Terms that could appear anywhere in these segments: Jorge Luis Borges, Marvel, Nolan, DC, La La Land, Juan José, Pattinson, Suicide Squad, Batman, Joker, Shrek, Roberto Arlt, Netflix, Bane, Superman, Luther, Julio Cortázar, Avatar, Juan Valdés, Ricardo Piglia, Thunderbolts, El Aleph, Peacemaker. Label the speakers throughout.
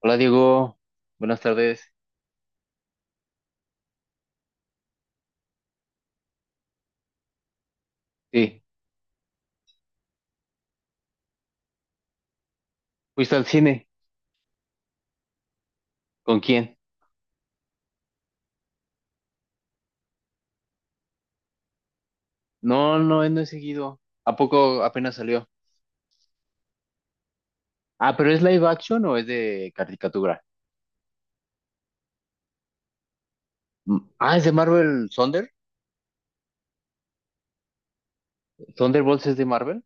Speaker 1: Hola Diego, buenas tardes. Sí, ¿fuiste al cine? ¿Con quién? No, no, no he seguido. ¿A poco apenas salió? Ah, pero ¿es live action o es de caricatura? Mm, ah, es de Marvel Thunder. ¿Thunderbolts es de Marvel?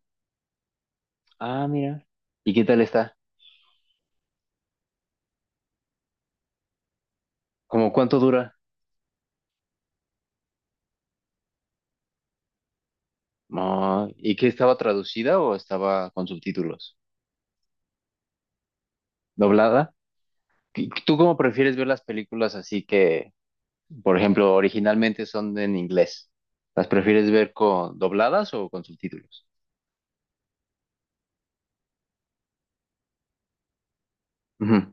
Speaker 1: Ah, mira. ¿Y qué tal está? ¿Cómo cuánto dura? Ah, ¿y qué estaba traducida o estaba con subtítulos? ¿Doblada? ¿Tú cómo prefieres ver las películas así que, por ejemplo, originalmente son en inglés? ¿Las prefieres ver con dobladas o con subtítulos? Ujú.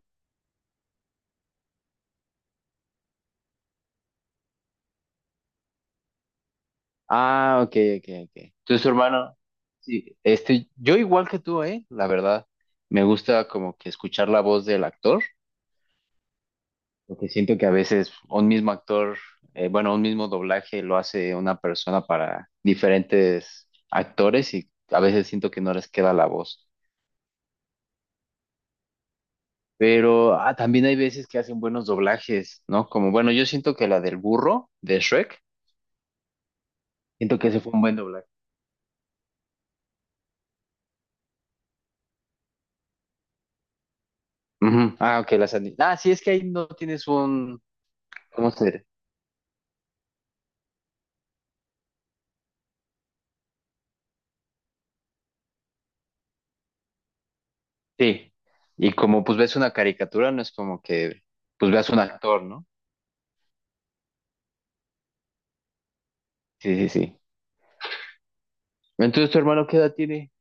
Speaker 1: Ah, ok, ok, ok. Entonces, su hermano, sí, yo igual que tú, ¿eh? La verdad, me gusta como que escuchar la voz del actor, porque siento que a veces un mismo actor, bueno, un mismo doblaje lo hace una persona para diferentes actores y a veces siento que no les queda la voz. Pero ah, también hay veces que hacen buenos doblajes, ¿no? Como, bueno, yo siento que la del burro de Shrek, siento que ese fue un buen doblaje. Ujú. Ah, ok, ah, sí, es que ahí no tienes un, ¿cómo se dice? Sí, y como pues ves una caricatura, no es como que pues veas un actor, ¿no? Sí, sí, sí. Entonces, ¿tu hermano qué edad tiene?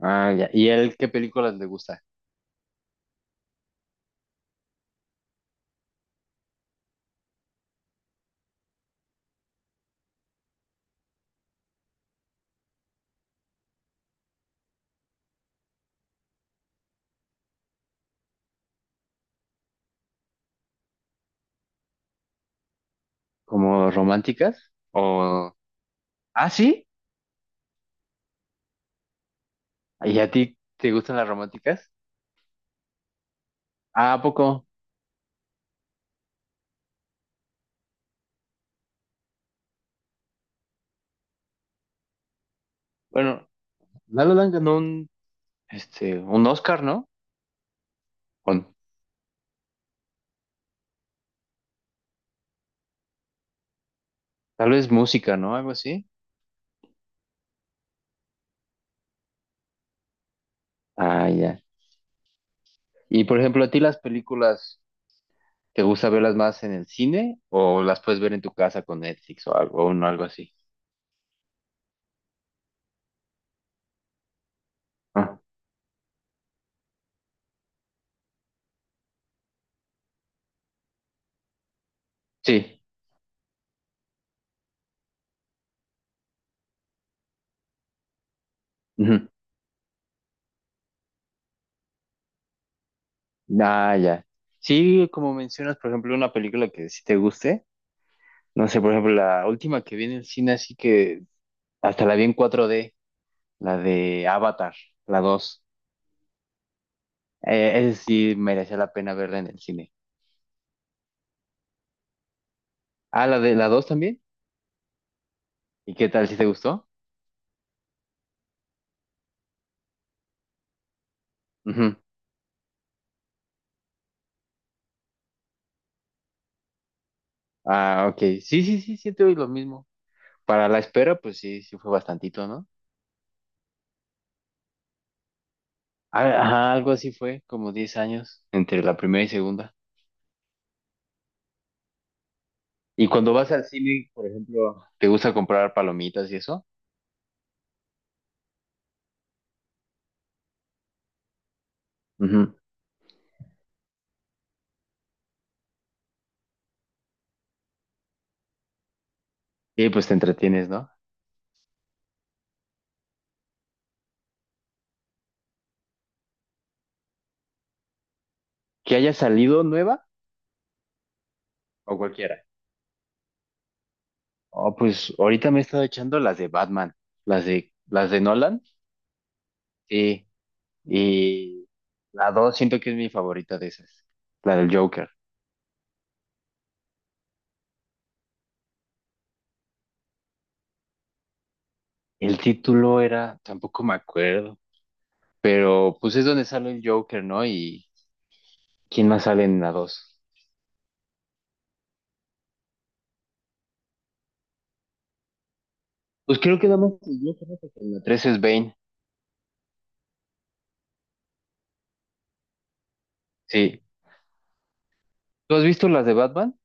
Speaker 1: Ah, ya. ¿Y él qué películas le gusta? ¿Como románticas? ¿O... ah, sí. ¿Y a ti te gustan las románticas? Ah, ¿a poco? Bueno, La La Land ganó un Oscar, ¿no? Con tal vez música, ¿no? Algo así. Ah, ya. Y por ejemplo, ¿a ti las películas te gusta verlas más en el cine o las puedes ver en tu casa con Netflix o algo, o no, algo así? Sí. Ujú. Ah, ya. Sí, como mencionas, por ejemplo, una película que sí te guste. No sé, por ejemplo, la última que vi en el cine, así que hasta la vi en cuatro d la de Avatar, la dos. Esa sí merecía la pena verla en el cine. Ah, la de la 2 también. ¿Y qué tal? ¿Sí te gustó? Ujú. Ah, ok. Sí, sí, sí, siento lo mismo. Para la espera, pues sí, sí fue bastantito, ¿no? Ah, ajá, algo así fue, como 10 años entre la primera y segunda. Y cuando vas al cine, por ejemplo, te gusta comprar palomitas y eso. Ujú. Y pues te entretienes, ¿no? Que haya salido nueva o cualquiera. Oh, pues ahorita me he estado echando las de Batman, las de Nolan. Sí. Y la dos siento que es mi favorita de esas, la del Joker. El título era, tampoco me acuerdo, pero pues es donde sale el Joker, ¿no? Y ¿quién más sale en la dos? Pues creo que nada más el Joker, ¿no? Porque en la tres es Bane. Sí. ¿Tú has visto las de Batman?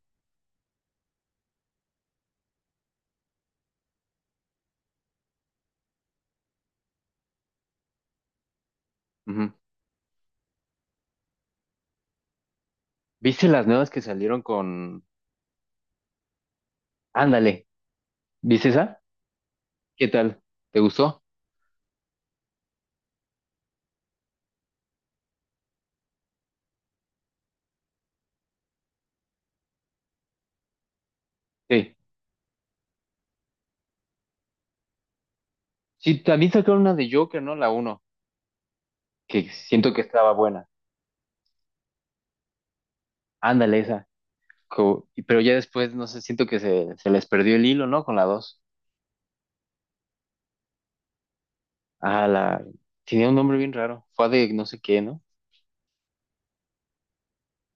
Speaker 1: Ujú. ¿Viste las nuevas que salieron con... ándale, ¿viste esa? ¿Qué tal? ¿Te gustó? Sí. Sí, también sacaron una de Joker, ¿no? La uno, que siento que estaba buena. Ándale, esa. Pero ya después, no sé, siento que se les perdió el hilo, ¿no? Con la dos. Ah, la... tenía un nombre bien raro. Fue de no sé qué, ¿no?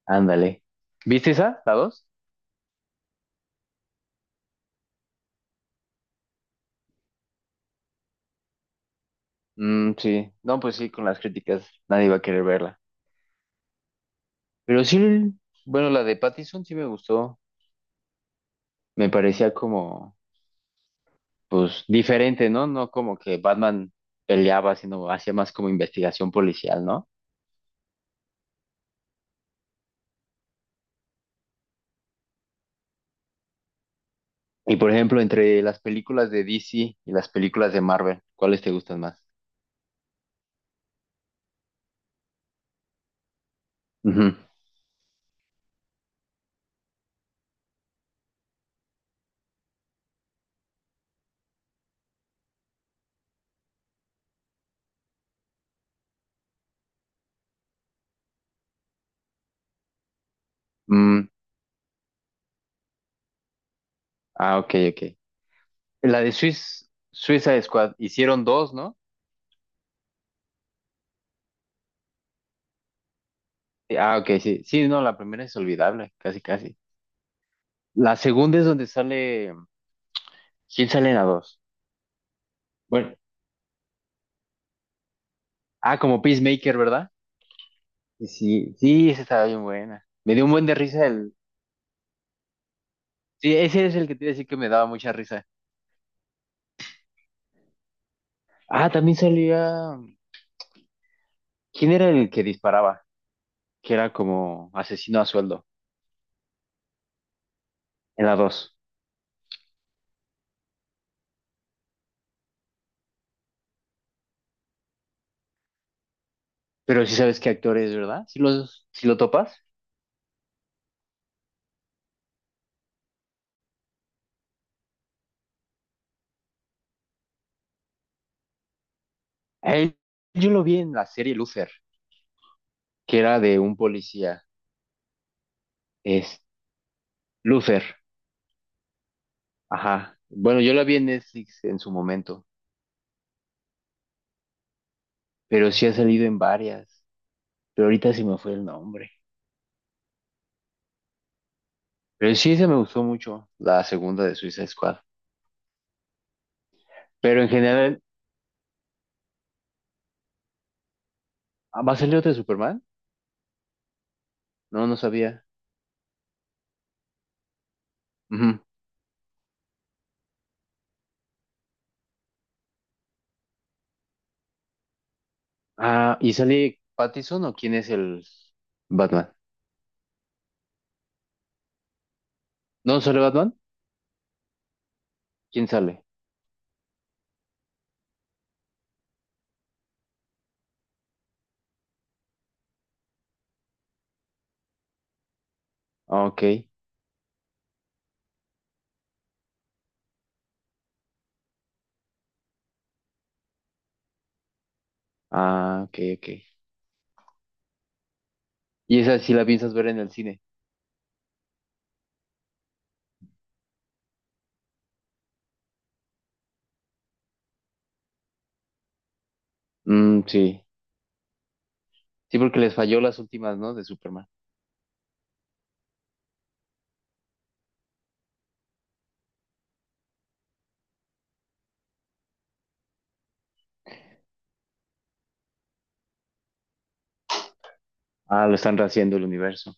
Speaker 1: Ándale. ¿Viste esa? ¿La dos? Mm, sí. No, pues sí, con las críticas nadie va a querer verla. Pero sí, bueno, la de Pattinson sí me gustó. Me parecía como... pues diferente, ¿no? No como que Batman peleaba, sino hacía más como investigación policial, ¿no? Y por ejemplo, entre las películas de DC y las películas de Marvel, ¿cuáles te gustan más? Ujú. Mm, ah, ok, ok. La de Suicide Squad, hicieron dos, ¿no? Sí, ah, ok, sí. Sí, no, la primera es olvidable, casi, casi. La segunda es donde sale... ¿Quién sale en la dos? Bueno, ah, como Peacemaker, ¿verdad? Sí, sí, sí, esa estaba bien buena. Me dio un buen de risa. Sí, ese es el que te iba a decir que me daba mucha risa. Ah, también salía. ¿Quién era el que disparaba? Que era como asesino a sueldo en la dos. Pero sí sabes qué actor es, ¿verdad? Si lo topas. A él, yo lo vi en la serie Luther, que era de un policía. Es Luther. Ajá. Bueno, yo la vi en Netflix en su momento, pero sí ha salido en varias. Pero ahorita se me fue el nombre. Pero sí, se me gustó mucho la segunda de Suicide Squad. Pero en general, ¿va a salir otra de Superman? No, no sabía. Ujú. Ah, ¿y sale Pattinson o quién es el Batman? ¿No sale Batman? ¿Quién sale? Ah, ok. Ah, ok, ok. ¿Y esa sí la piensas ver en el cine? Mm, sí. Sí, porque les falló las últimas, ¿no? De Superman. Ah, lo están rehaciendo el universo.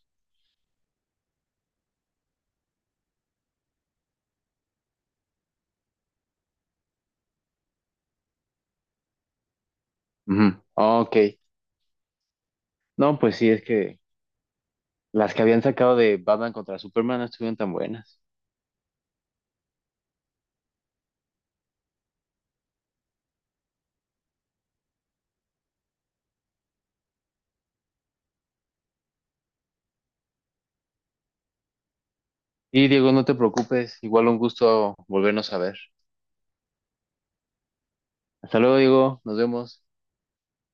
Speaker 1: Ujú. Ah, ok. No, pues sí, es que las que habían sacado de Batman contra Superman no estuvieron tan buenas. Y Diego, no te preocupes, igual un gusto volvernos a ver. Hasta luego, Diego, nos vemos.